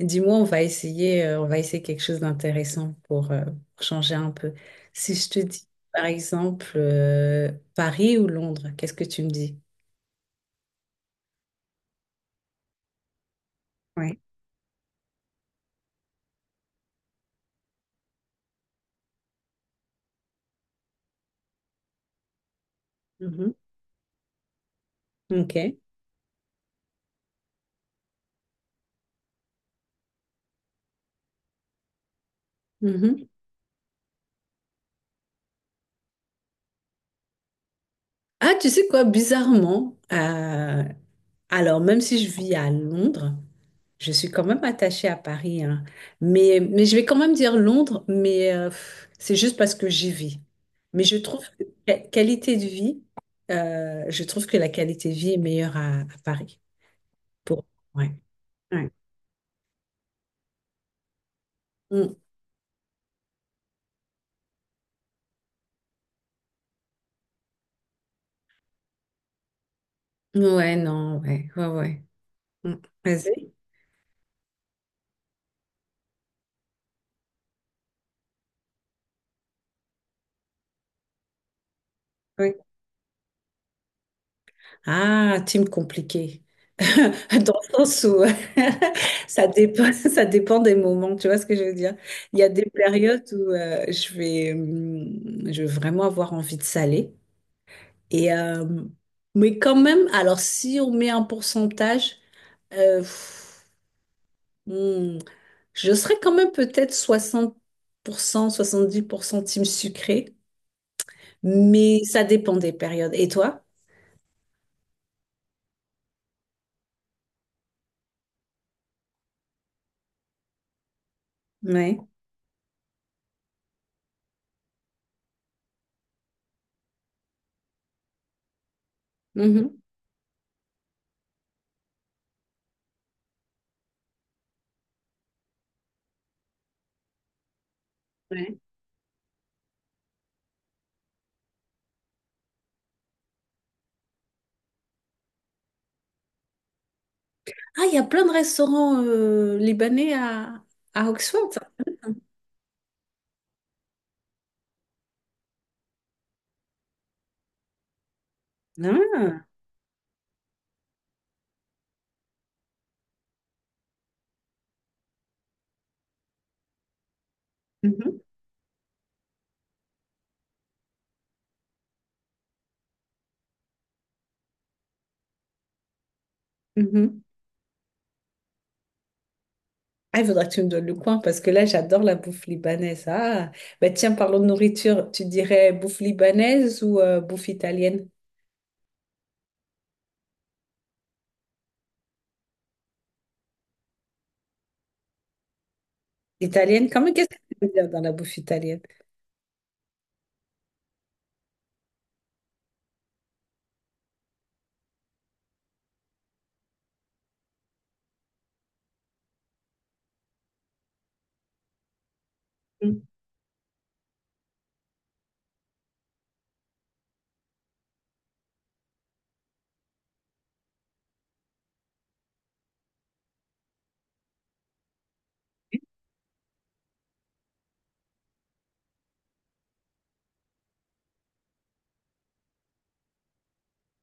Dis-moi, on va essayer quelque chose d'intéressant pour changer un peu. Si je te dis, par exemple, Paris ou Londres, qu'est-ce que tu me dis? Ouais. Mhm. Ok. Mhm. Ah, tu sais quoi, bizarrement, alors même si je vis à Londres, je suis quand même attachée à Paris, hein. Mais je vais quand même dire Londres, mais c'est juste parce que j'y vis. Mais je trouve que la qualité de vie, je trouve que la qualité de vie est meilleure à Paris. Pour... Ouais. Ouais. Mm. Ouais, non, ouais, ouais, ouais. Mm. Vas-y. Oui. Ah, team compliqué. Dans le sens où ça dépend des moments, tu vois ce que je veux dire? Il y a des périodes où je vais vraiment avoir envie de saler. Et, mais quand même, alors si on met un pourcentage, euh, pff, hum, je serais quand même peut-être soixante-dix pour cent team sucré. Mais ça dépend des périodes. Et toi? Ouais. Mhm. Ouais. Ah, il y a plein de restaurants libanais à Oxford. Ah, Mhm. Mhm. Ah, il faudra que tu me donnes le coin parce que là, j'adore la bouffe libanaise. Ah, bah tiens, parlons de nourriture. Tu dirais bouffe libanaise ou bouffe italienne? Italienne, quand même, qu'est-ce que tu veux dire dans la bouffe italienne? Mm.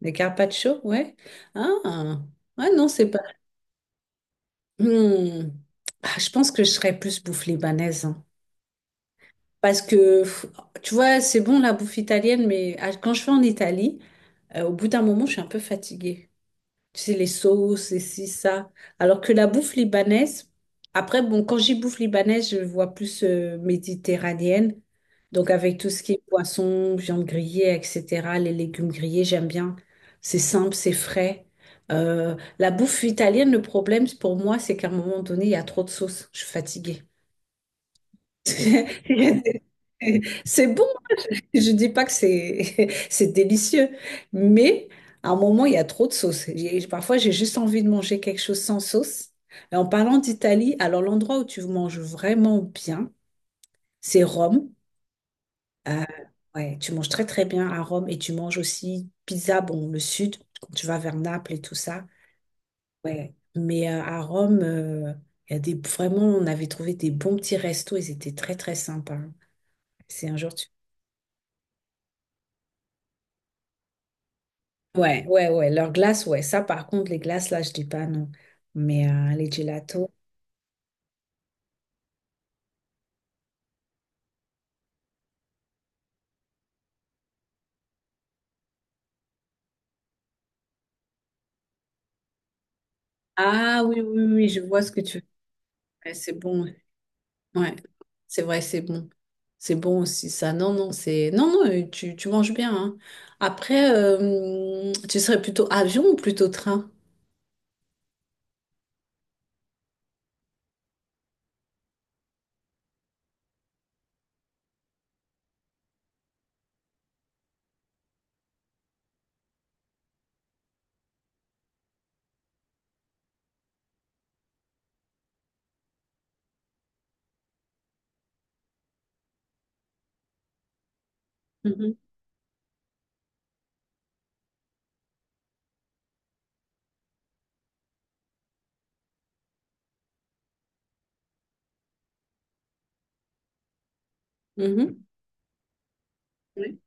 Les carpaccio, ouais. Ah, ah non, c'est pas. Hmm. Ah, je pense que je serais plus bouffe libanaise, hein. Parce que, tu vois, c'est bon la bouffe italienne, mais quand je vais en Italie, au bout d'un moment, je suis un peu fatiguée. Tu sais, les sauces et ci, ça. Alors que la bouffe libanaise, après, bon, quand j'y bouffe libanaise, je vois plus méditerranéenne. Donc, avec tout ce qui est poisson, viande grillée, etc., les légumes grillés, j'aime bien. C'est simple, c'est frais. La bouffe italienne, le problème pour moi, c'est qu'à un moment donné, il y a trop de sauce. Je suis fatiguée. C'est bon, je dis pas que c'est c'est délicieux, mais à un moment, il y a trop de sauce. Parfois, j'ai juste envie de manger quelque chose sans sauce. Et en parlant d'Italie, alors l'endroit où tu manges vraiment bien, c'est Rome. Euh, ouais, tu manges très très bien à Rome et tu manges aussi pizza, bon, le sud, quand tu vas vers Naples et tout ça. Ouais. Mais à Rome, il y a des, vraiment, on avait trouvé des bons petits restos, ils étaient très très sympas. Si un jour Ouais, ouais, ouais. Leurs glaces, ouais. Ça, par contre, les glaces, là, je dis pas non. Mais les gelatos. Ah oui, oui, oui, oui, je vois ce que tu veux. Ouais, c'est bon. Ouais, Ouais. C'est vrai, c'est bon. C'est bon aussi, ça. Non, non, c'est. Non, non, tu manges bien, hein. Après, tu serais plutôt avion ou plutôt train? Mhm. Mhm. Oui.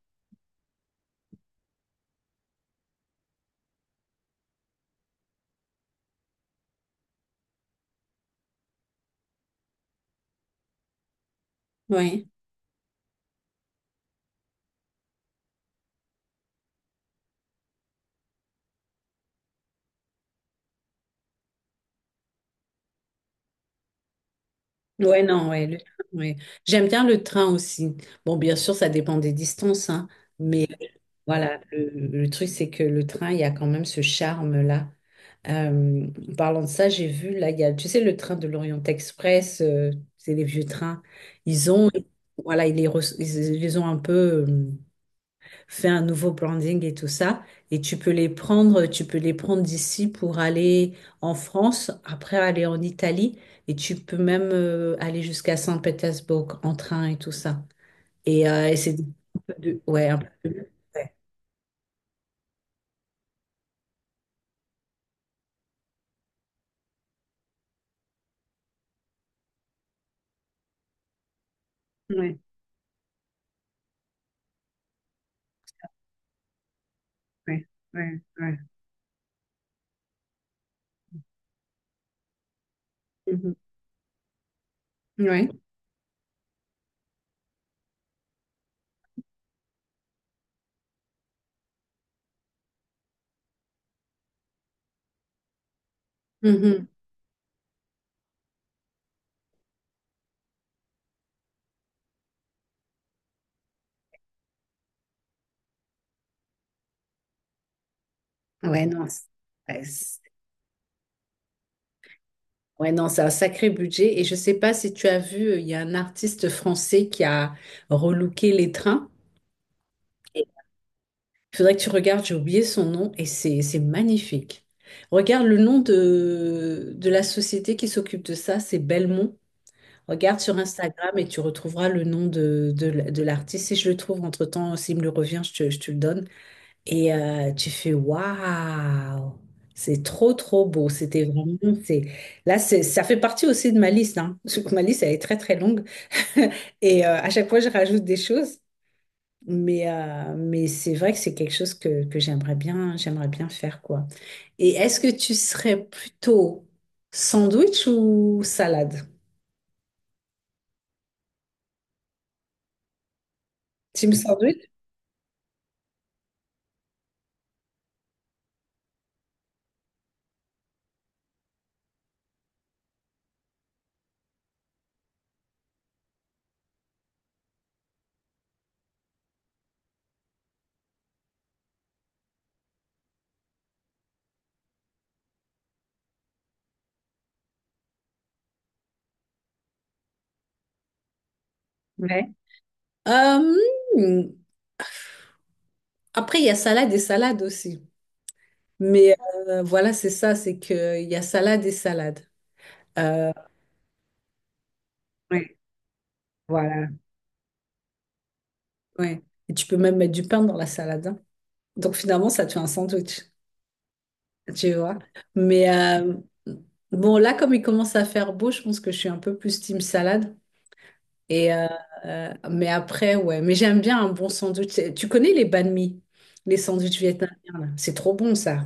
Ouais. Ouais, non, ouais, le train, ouais. J'aime bien le train aussi. Bon, bien sûr, ça dépend des distances, hein, mais voilà, le truc, c'est que le train, il y a quand même ce charme-là. En parlant de ça, j'ai vu, là, il y a, tu sais, le train de l'Orient Express, c'est les vieux trains. Ils ont, voilà, ils les, re- ils, ont un peu euh, fait un nouveau branding et tout ça. Et tu peux les prendre d'ici pour aller en France, après aller en Italie. Et tu peux même aller jusqu'à Saint-Pétersbourg en train et tout ça. Et c'est un peu de... Ouais, ouais. Ouais, ouais, ouais. Mhm. Ouais. Mhm. Ouais, non. Ouais, ouais, non, c'est un sacré budget. Et je sais pas si tu as vu, il y a un artiste français qui a relooké les trains. Il faudrait que tu regardes, j'ai oublié son nom et c'est magnifique. Regarde le nom de la société qui s'occupe de ça, c'est Belmont. Regarde sur Instagram et tu retrouveras le nom de l'artiste. Si je le trouve entre-temps, s'il me le revient, je te le donne. Et tu fais waouh, c'est trop trop beau. C'était vraiment c'est là c'est ça fait partie aussi de ma liste, hein. Parce que ma liste elle est très très longue et à chaque fois je rajoute des choses. Mais c'est vrai que c'est quelque chose que j'aimerais bien faire quoi. Et est-ce que tu serais plutôt sandwich ou salade? Team sandwich? Ouais. Euh, hmm, après il y a salade et salade aussi. Mais voilà, c'est ça, c'est que il y a salade et salade. Euh, Ouais, voilà. Ouais. Et tu peux même mettre du pain dans la salade, hein. Donc finalement, ça te fait un sandwich, tu vois. Mais bon, là, comme il commence à faire beau, je pense que je suis un peu plus team salade. Et euh, mais après, ouais. Mais j'aime bien un bon sandwich. Tu connais les banh mi, les sandwichs vietnamiens, là. C'est trop bon, ça.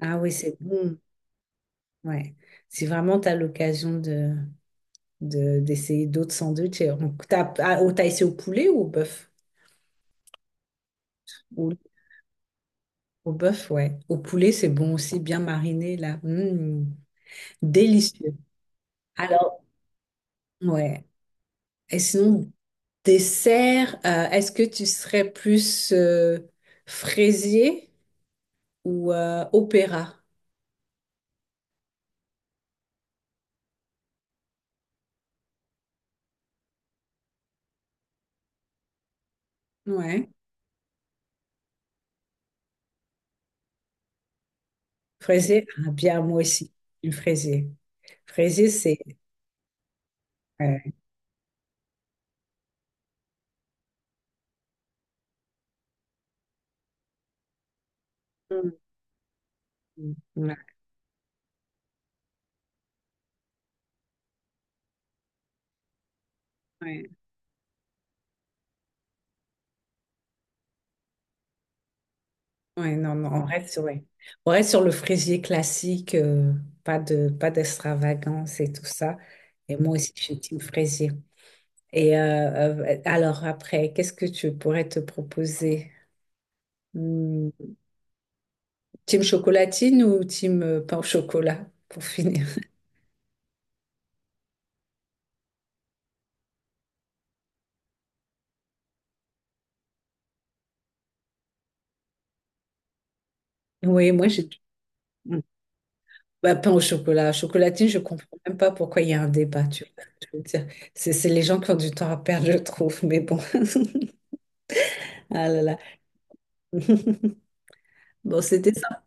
Ah oui, c'est bon. Ouais. Si vraiment tu as l'occasion de... d'essayer d'autres sandwichs. Et on tape, ah, oh, t'as essayé au poulet ou au bœuf? Au, au bœuf, ouais. Au poulet, c'est bon aussi, bien mariné, là. Mm, délicieux. Alors, ouais. Et sinon, dessert, est-ce que tu serais plus fraisier ou opéra? Ouais. Fraisier, ah, bien, moi aussi, une fraisier. Fraisier, ouais. Mm, mm, ouais, ouais. Ouais, non, non, on reste sur, ouais. On reste sur le fraisier classique, pas d'extravagance et tout ça. Et moi aussi, je suis team fraisier. Alors après, qu'est-ce que tu pourrais te proposer? Hmm, Team chocolatine ou team pain au chocolat, pour finir? Oui. Hmm. Bah, pain au chocolat. Chocolatine, je comprends même pas pourquoi il y a un débat, tu vois. Je veux dire, c'est les gens qui ont du temps à perdre, je trouve, mais bon. Ah là là. Bon, c'était ça.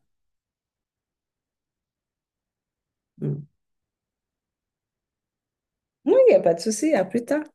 Non, il n'y a pas de souci. À plus tard.